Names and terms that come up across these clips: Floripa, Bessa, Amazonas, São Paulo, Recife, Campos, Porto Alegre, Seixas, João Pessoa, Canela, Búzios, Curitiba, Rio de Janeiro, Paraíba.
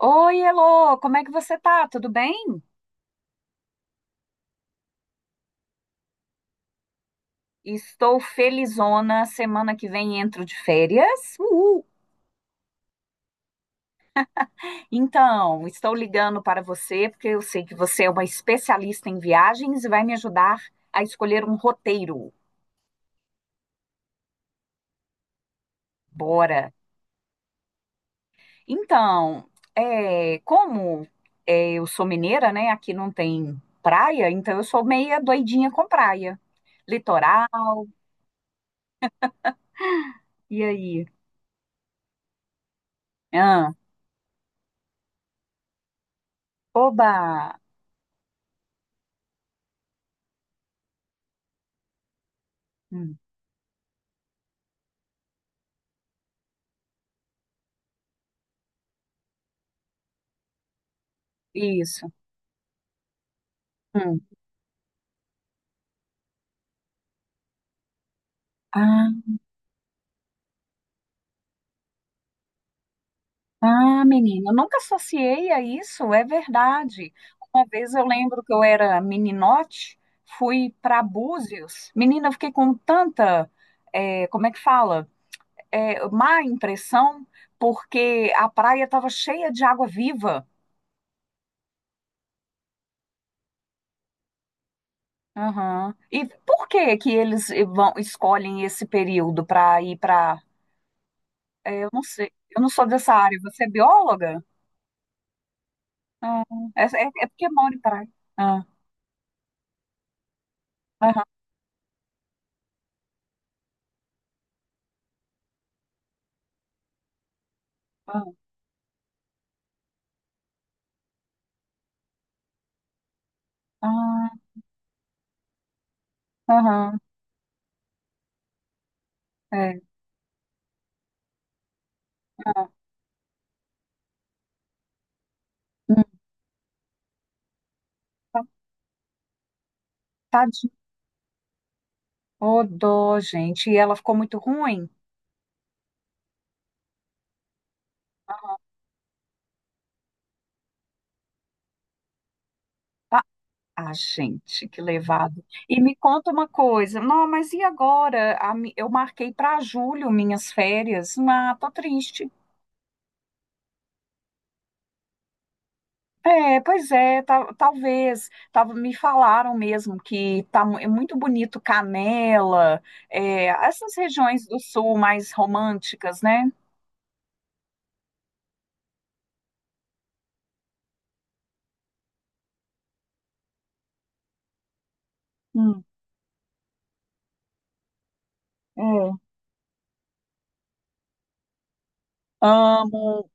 Oi, Elô, como é que você tá? Tudo bem? Estou felizona. Semana que vem entro de férias. Uhul! Então, estou ligando para você porque eu sei que você é uma especialista em viagens e vai me ajudar a escolher um roteiro. Bora! Então, é, como é, eu sou mineira, né? Aqui não tem praia, então eu sou meia doidinha com praia. Litoral, e aí? Ah, oba! Hum, isso. Hum. Ah, ah, menina, eu nunca associei a isso, é verdade. Uma vez eu lembro que eu era meninote, fui para Búzios. Menina, eu fiquei com tanta, como é que fala? Má impressão, porque a praia estava cheia de água viva. Aham. E por que que eles vão, escolhem esse período para ir para. Eu não sei, eu não sou dessa área, você é bióloga? Ah, é porque mora em praia. Ah, aham, ah, ah. Aham, é. Hum. Tadinho. Ô, dó, gente. E ela ficou muito ruim? Tá? Ah, gente, que levado. E me conta uma coisa. Não, mas e agora? Eu marquei para julho minhas férias. Ah, tô triste. É, pois é, talvez. Tava, me falaram mesmo que é muito bonito Canela, é, essas regiões do sul mais românticas, né? Hum, é. Amo.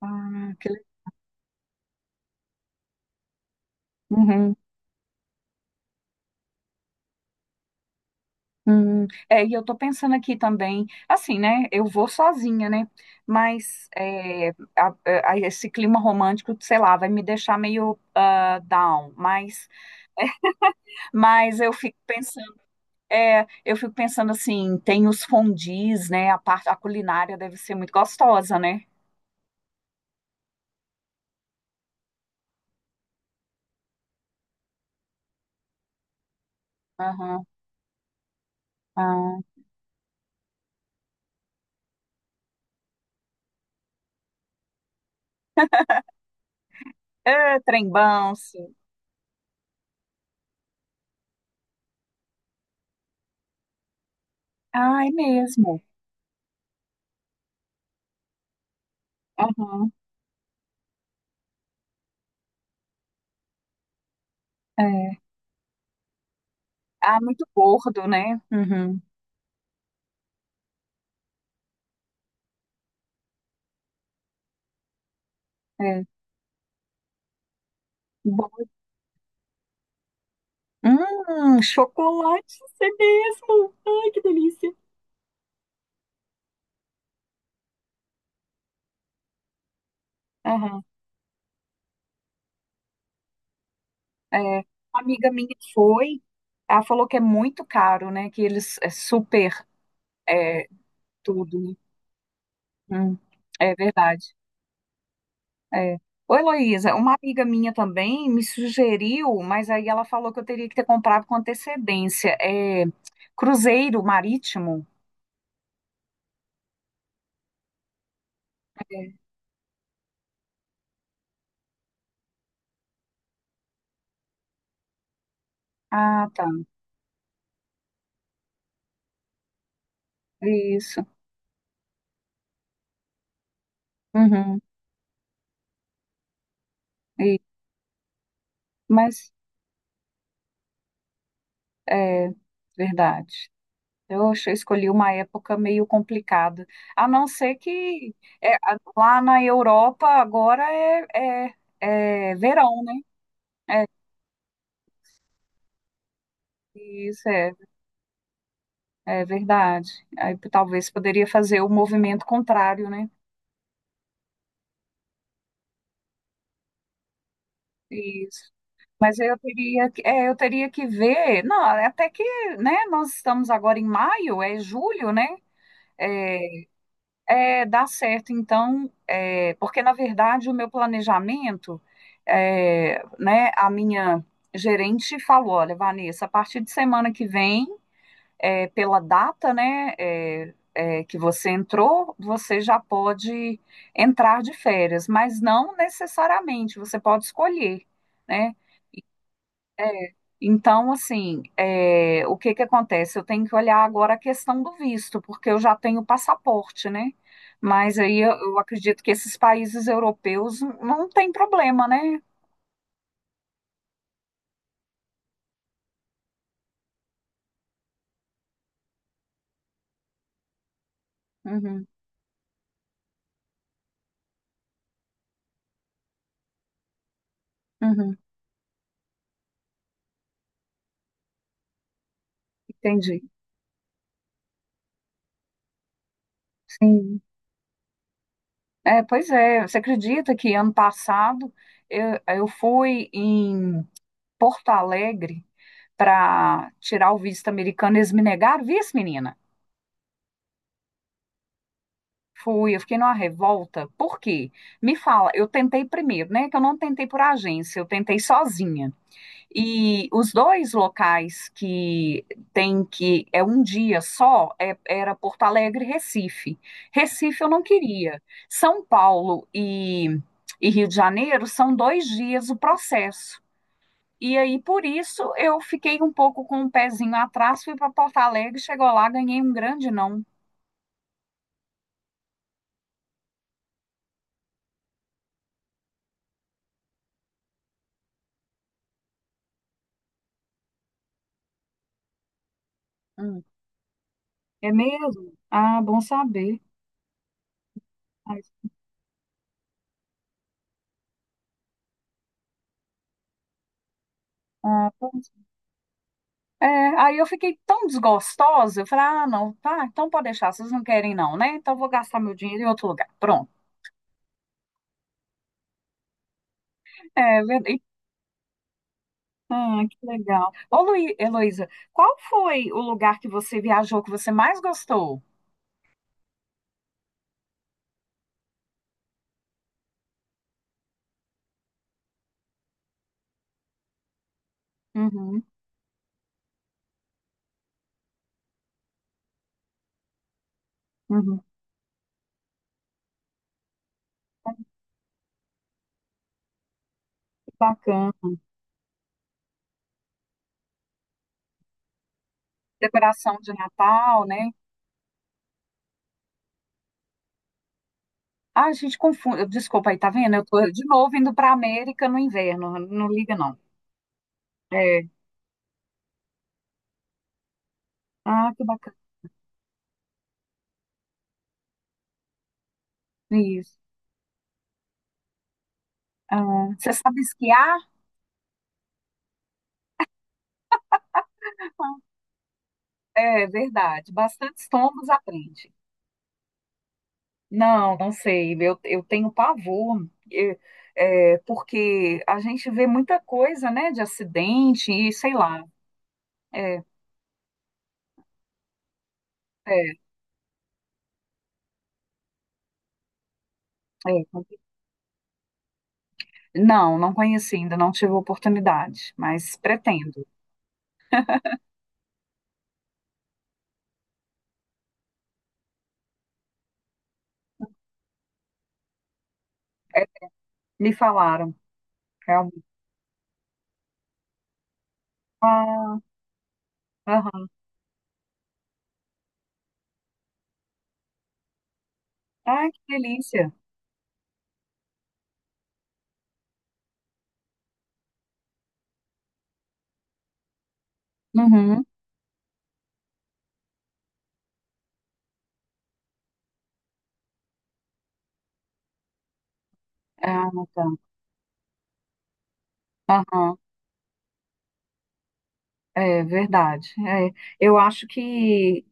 Ah, que legal. É, e eu tô pensando aqui também, assim, né? Eu vou sozinha, né? Mas é, a- esse clima romântico, sei lá, vai me deixar meio ah, down. Mas eu fico pensando, é, eu fico pensando assim, tem os fondues, né? A parte, a culinária deve ser muito gostosa, né? Aham, ah. É, trem bom, sim. Ah, é mesmo. Aham, é. Ah, muito gordo, né? Uhum, é. Chocolate, isso é mesmo. Ai, que delícia. Aham, é. Uma amiga minha foi, ela falou que é muito caro, né? Que eles é super é, tudo, né? Hum, é verdade. É. Ô, Heloísa, uma amiga minha também me sugeriu, mas aí ela falou que eu teria que ter comprado com antecedência. É, cruzeiro marítimo. É. Ah, tá. Isso. Uhum. E- mas é verdade. Eu escolhi uma época meio complicada. A não ser que é, lá na Europa agora é, é verão, né? Isso é, é verdade. Talvez poderia fazer o movimento contrário, né? Isso. Mas eu teria, é, eu teria que ver. Não, até que, né? Nós estamos agora em maio, é julho, né? É. É, dá certo, então, é, porque na verdade o meu planejamento, é, né, a minha gerente falou, olha, Vanessa, a partir de semana que vem, é, pela data, né, que você entrou, você já pode entrar de férias, mas não necessariamente, você pode escolher, né? É. Então, assim, é, o que que acontece? Eu tenho que olhar agora a questão do visto, porque eu já tenho passaporte, né? Mas aí eu acredito que esses países europeus não tem problema, né? Uhum, uhum, entendi. Sim. É, pois é, você acredita que ano passado eu fui em Porto Alegre para tirar o visto americano, eles me negaram visto, menina? Fui, eu fiquei numa revolta. Por quê? Me fala, eu tentei primeiro, né? Que eu não tentei por agência, eu tentei sozinha. E os dois locais que tem que é um dia só, era Porto Alegre e Recife. Recife eu não queria. São Paulo e, e Rio de Janeiro são dois dias o processo. E aí, por isso, eu fiquei um pouco com o pezinho atrás, fui para Porto Alegre, chegou lá, ganhei um grande não. Hum, é mesmo? Ah, bom saber. Mas, ah, é, aí eu fiquei tão desgostosa, eu falei, ah, não, tá, então pode deixar, vocês não querem não, né? Então eu vou gastar meu dinheiro em outro lugar. Pronto. É verdade. Ah, que legal. Ô, Heloísa, qual foi o lugar que você viajou que você mais gostou? Uhum, uhum. Ah, que bacana. Decoração de Natal, né? Ah, a gente confunde. Desculpa aí, tá vendo? Eu tô de novo indo pra América no inverno, não liga não. É. Ah, que bacana. Isso. Ah, você sabe esquiar? É verdade, bastante estômagos aprende. Não, não sei, eu tenho pavor, é, porque a gente vê muita coisa, né, de acidente e sei lá. É, é, é. Não, não conheci ainda, não tive oportunidade, mas pretendo. É, me falaram, realmente. Ah, aham. Ai, que delícia. Uhum. Ah, tá. Aham. É verdade. É, eu acho que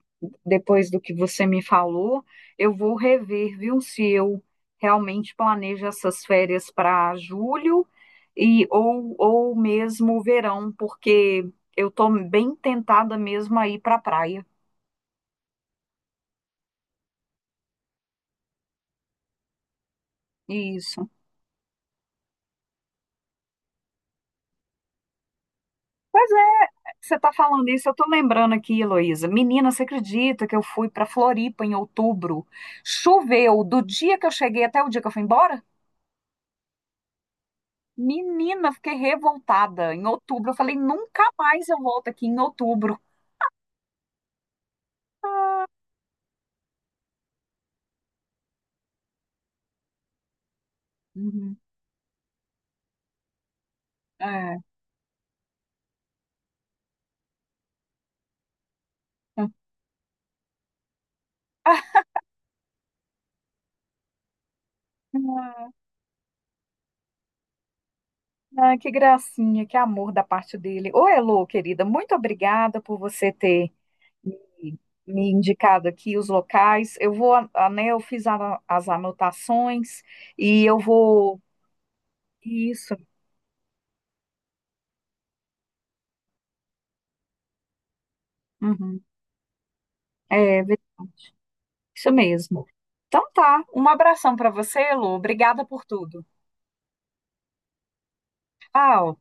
depois do que você me falou, eu vou rever, viu, se eu realmente planejo essas férias para julho e ou mesmo o verão, porque eu estou bem tentada mesmo a ir para a praia. Isso. Pois é, você está falando isso, eu estou lembrando aqui, Heloísa. Menina, você acredita que eu fui para Floripa em outubro? Choveu do dia que eu cheguei até o dia que eu fui embora? Menina, fiquei revoltada. Em outubro, eu falei, nunca mais eu volto aqui em outubro. Uhum. É. Ah, que gracinha, que amor da parte dele. Ô, Elô, querida, muito obrigada por você ter me, me indicado aqui os locais. Eu vou, né, eu fiz as anotações e eu vou. Isso. Uhum. É, ve- isso mesmo. Então tá, um abração para você, Elô. Obrigada por tudo. Tchau.